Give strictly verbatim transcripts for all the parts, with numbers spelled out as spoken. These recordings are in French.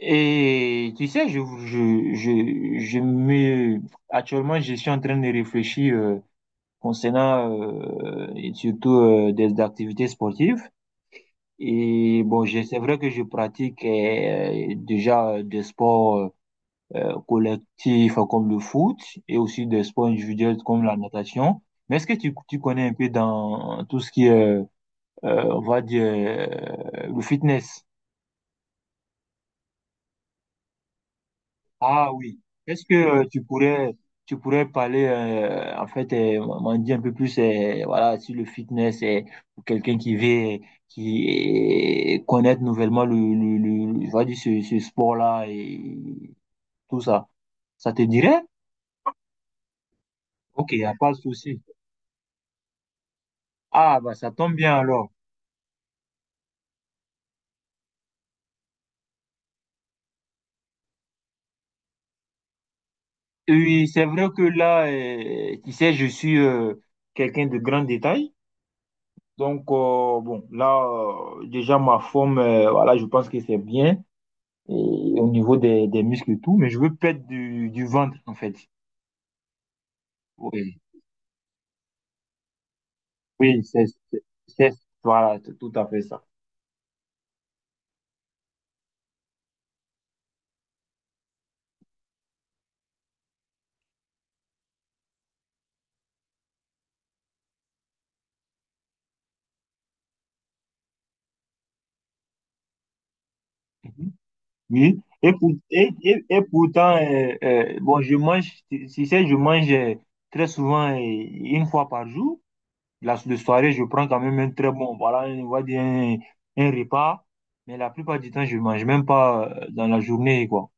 Et tu sais, je, je, je, je me... Actuellement, je suis en train de réfléchir euh, concernant euh, et surtout euh, des activités sportives. Et bon, je- c'est vrai que je pratique euh, déjà euh, des sports euh, collectifs euh, comme le foot et aussi des sports individuels comme la natation. Mais est-ce que tu, tu connais un peu dans tout ce qui est, euh, on va dire, euh, le fitness? Ah oui. Est-ce que euh, tu pourrais, tu pourrais parler, euh, en fait, euh, m'en dire un peu plus, euh, voilà, sur le fitness, euh, pour quelqu'un qui veut, qui euh, connaître nouvellement le, le, le- le- on va dire ce, ce sport-là et tout ça. Ça te dirait? Ok, y a pas de souci. Ah, bah, ça tombe bien alors. Oui, c'est vrai que là, euh, tu sais, je suis euh, quelqu'un de grand détail. Donc, euh, bon, là, euh, déjà, ma forme, euh, voilà, je pense que c'est bien, et au niveau des, des muscles et tout, mais je veux perdre du, du ventre, en fait. Oui, oui, c'est, c'est, c'est- voilà, c'est tout à fait ça. Mhm. Oui, et, pour- et, et, et pourtant, euh, euh, bon, je mange, tu tu sais, je mange euh, très souvent, euh, une fois par jour. La, le soirée, je prends quand même un très bon, voilà, on va dire un, un repas, mais la plupart du temps, je mange même pas euh, dans la journée, quoi.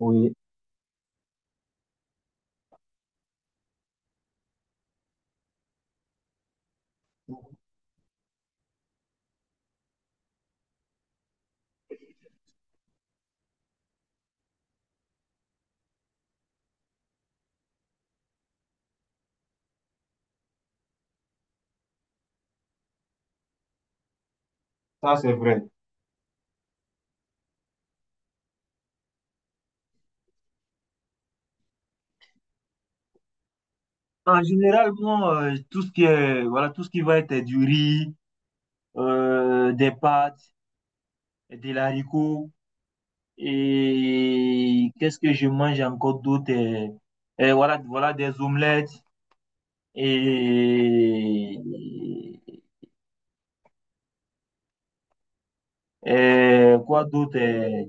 Oui, ça c'est vrai. En général, bon, euh, tout ce qui est, voilà, tout ce qui va être du riz, euh, des pâtes, des haricots, et qu'est-ce que je mange encore d'autre? euh, euh, voilà, voilà, des omelettes, et, euh, quoi d'autre? euh,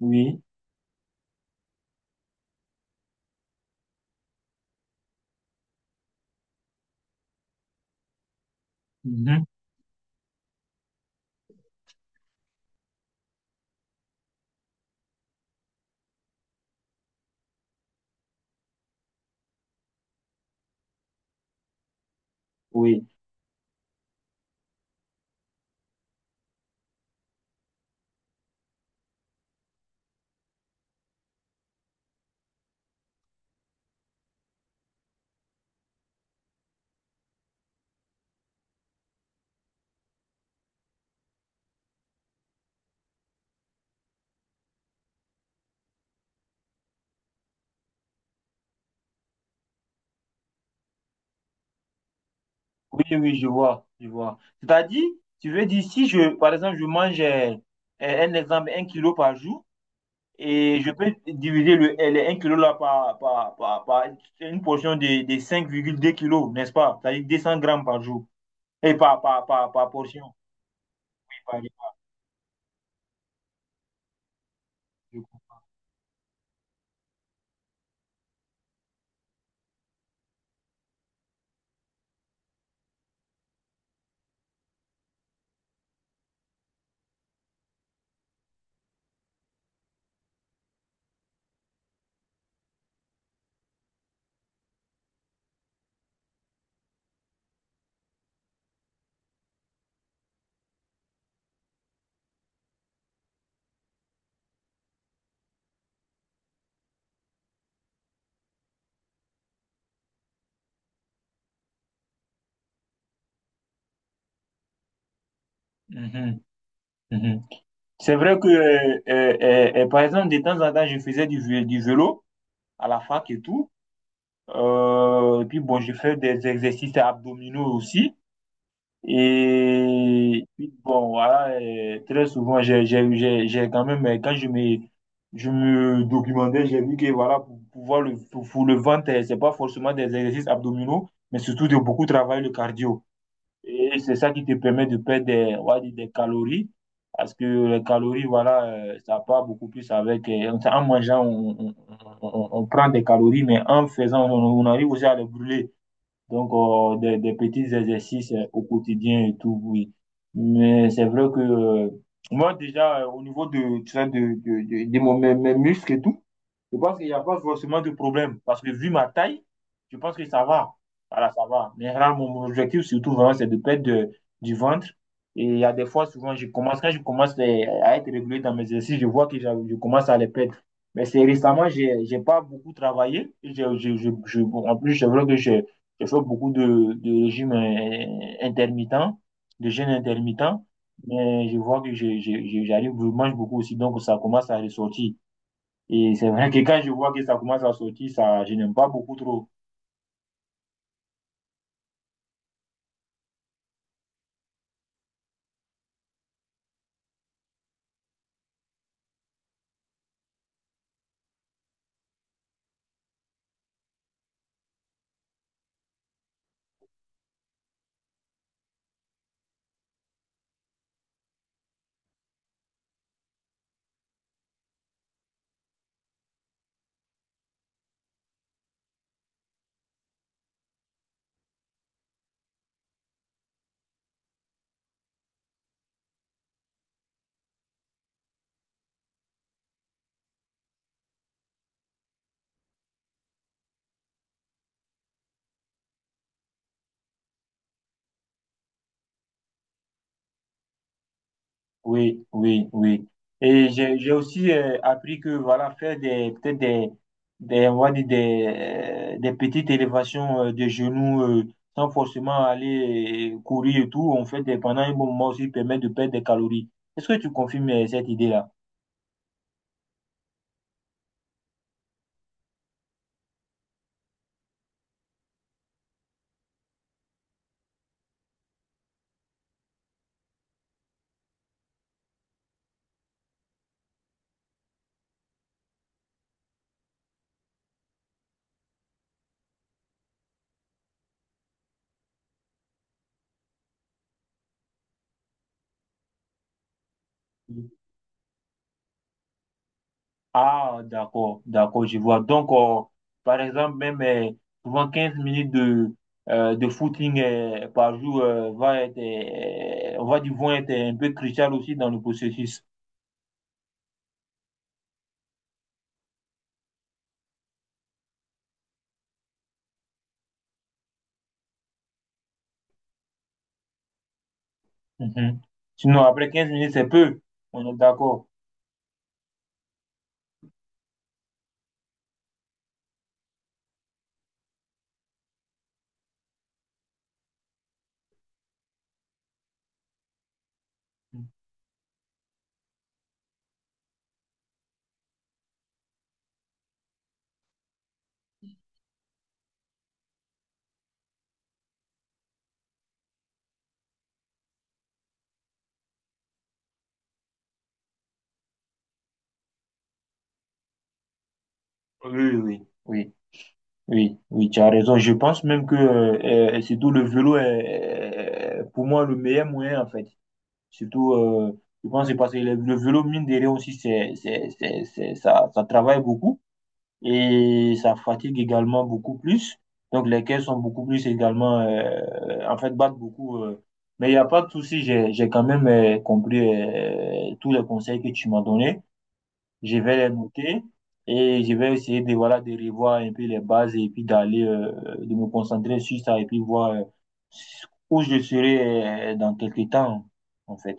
oui, mhm, oui, oui, oui, je vois, je vois. C'est-à-dire, tu veux dire, si je, par exemple, je mange, euh, euh, un exemple, un kilo par jour. Et je peux diviser le, les un kilo là par, par, par, par une portion de, de cinq virgule deux kilos, n'est-ce pas? C'est-à-dire deux cents grammes par jour. Et par, par, par, par portion. par- Mhm, mhm. C'est vrai que, euh, euh, euh, euh, par exemple, de temps en temps, je faisais du, vé- du vélo à la fac et tout. Euh, et puis, bon, je fais des exercices abdominaux aussi. Et puis, bon, voilà, euh, très souvent, j'ai, j'ai, j'ai, j'ai quand même, euh, quand je me, je me documentais, j'ai vu que, voilà, pour pouvoir le, pour, pour le ventre, euh, c'est pas forcément des exercices abdominaux, mais surtout de beaucoup travailler le cardio. Et c'est ça qui te permet de perdre des, on va dire des calories, parce que les calories, voilà, euh, ça part beaucoup plus avec, euh, en en mangeant, on, on, on, on- on prend des calories, mais en faisant, on on arrive aussi à les brûler. Donc, euh, des, des petits exercices euh, au quotidien et tout, oui. Mais c'est vrai que euh, moi, déjà, euh, au niveau de, tu sais, de, de, de, de mon- mes, mes muscles et tout, je pense qu'il n'y a pas forcément de problème parce que vu ma taille, je pense que ça va. Voilà, ça va. Mais là, mon, mon objectif, surtout, vraiment, c'est de perdre de- du ventre. Et il y a des fois, souvent, je commence, quand je commence les- à être régulier dans mes exercices, je vois que j'a- je commence à les perdre. Mais c'est récemment, j'ai, j'ai pas beaucoup travaillé. Je, je, je, je, Bon, en plus, c'est vrai que j'ai j'ai fait beaucoup de, de régimes euh, intermittents, de jeûnes intermittents. Mais je vois que je, je, je- j'arrive, je mange beaucoup aussi, donc ça commence à ressortir. Et c'est vrai que quand je vois que ça commence à sortir, ça, je n'aime pas beaucoup trop. Oui, oui, oui. Et j'ai, j'ai aussi euh, appris que voilà, faire des, peut-être des, des, on va dire des, euh, des petites élévations euh, de genoux euh, sans forcément aller euh, courir et tout, on fait des, pendant un bon moment aussi permet de perdre des calories. Est-ce que tu confirmes euh, cette idée-là? Ah, d'accord, d'accord, je vois. Donc, euh, par exemple, même euh, souvent quinze minutes de, euh, de footing euh, par jour euh, va être, euh, on va dire, vont être un peu crucial aussi dans le processus. Mhm. Sinon, après quinze minutes, c'est peu. On est d'accord. Oui, oui, oui, oui, oui, tu as raison. Je pense même que euh, euh, surtout le vélo est, euh, pour moi, le meilleur moyen, en fait. Surtout, euh, je pense que c'est parce que le, le vélo, mine de rien aussi, c'est, c'est, c'est, c'est- ça, ça travaille beaucoup et ça fatigue également beaucoup plus. Donc, les caisses sont beaucoup plus également, euh, en fait, battent beaucoup. euh. Mais il n'y a pas de souci, j'ai, j'ai quand même euh, compris euh, tous les conseils que tu m'as donnés. Je vais les noter et je vais essayer de, voilà, de revoir un peu les bases et puis d'aller, euh, de me concentrer sur ça et puis voir euh, où je serai euh, dans quelques temps, en fait.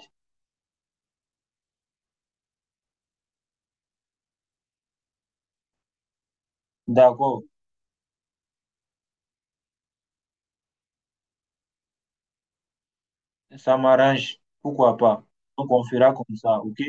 D'accord, ça m'arrange. Pourquoi pas? Donc, on fera comme ça, OK?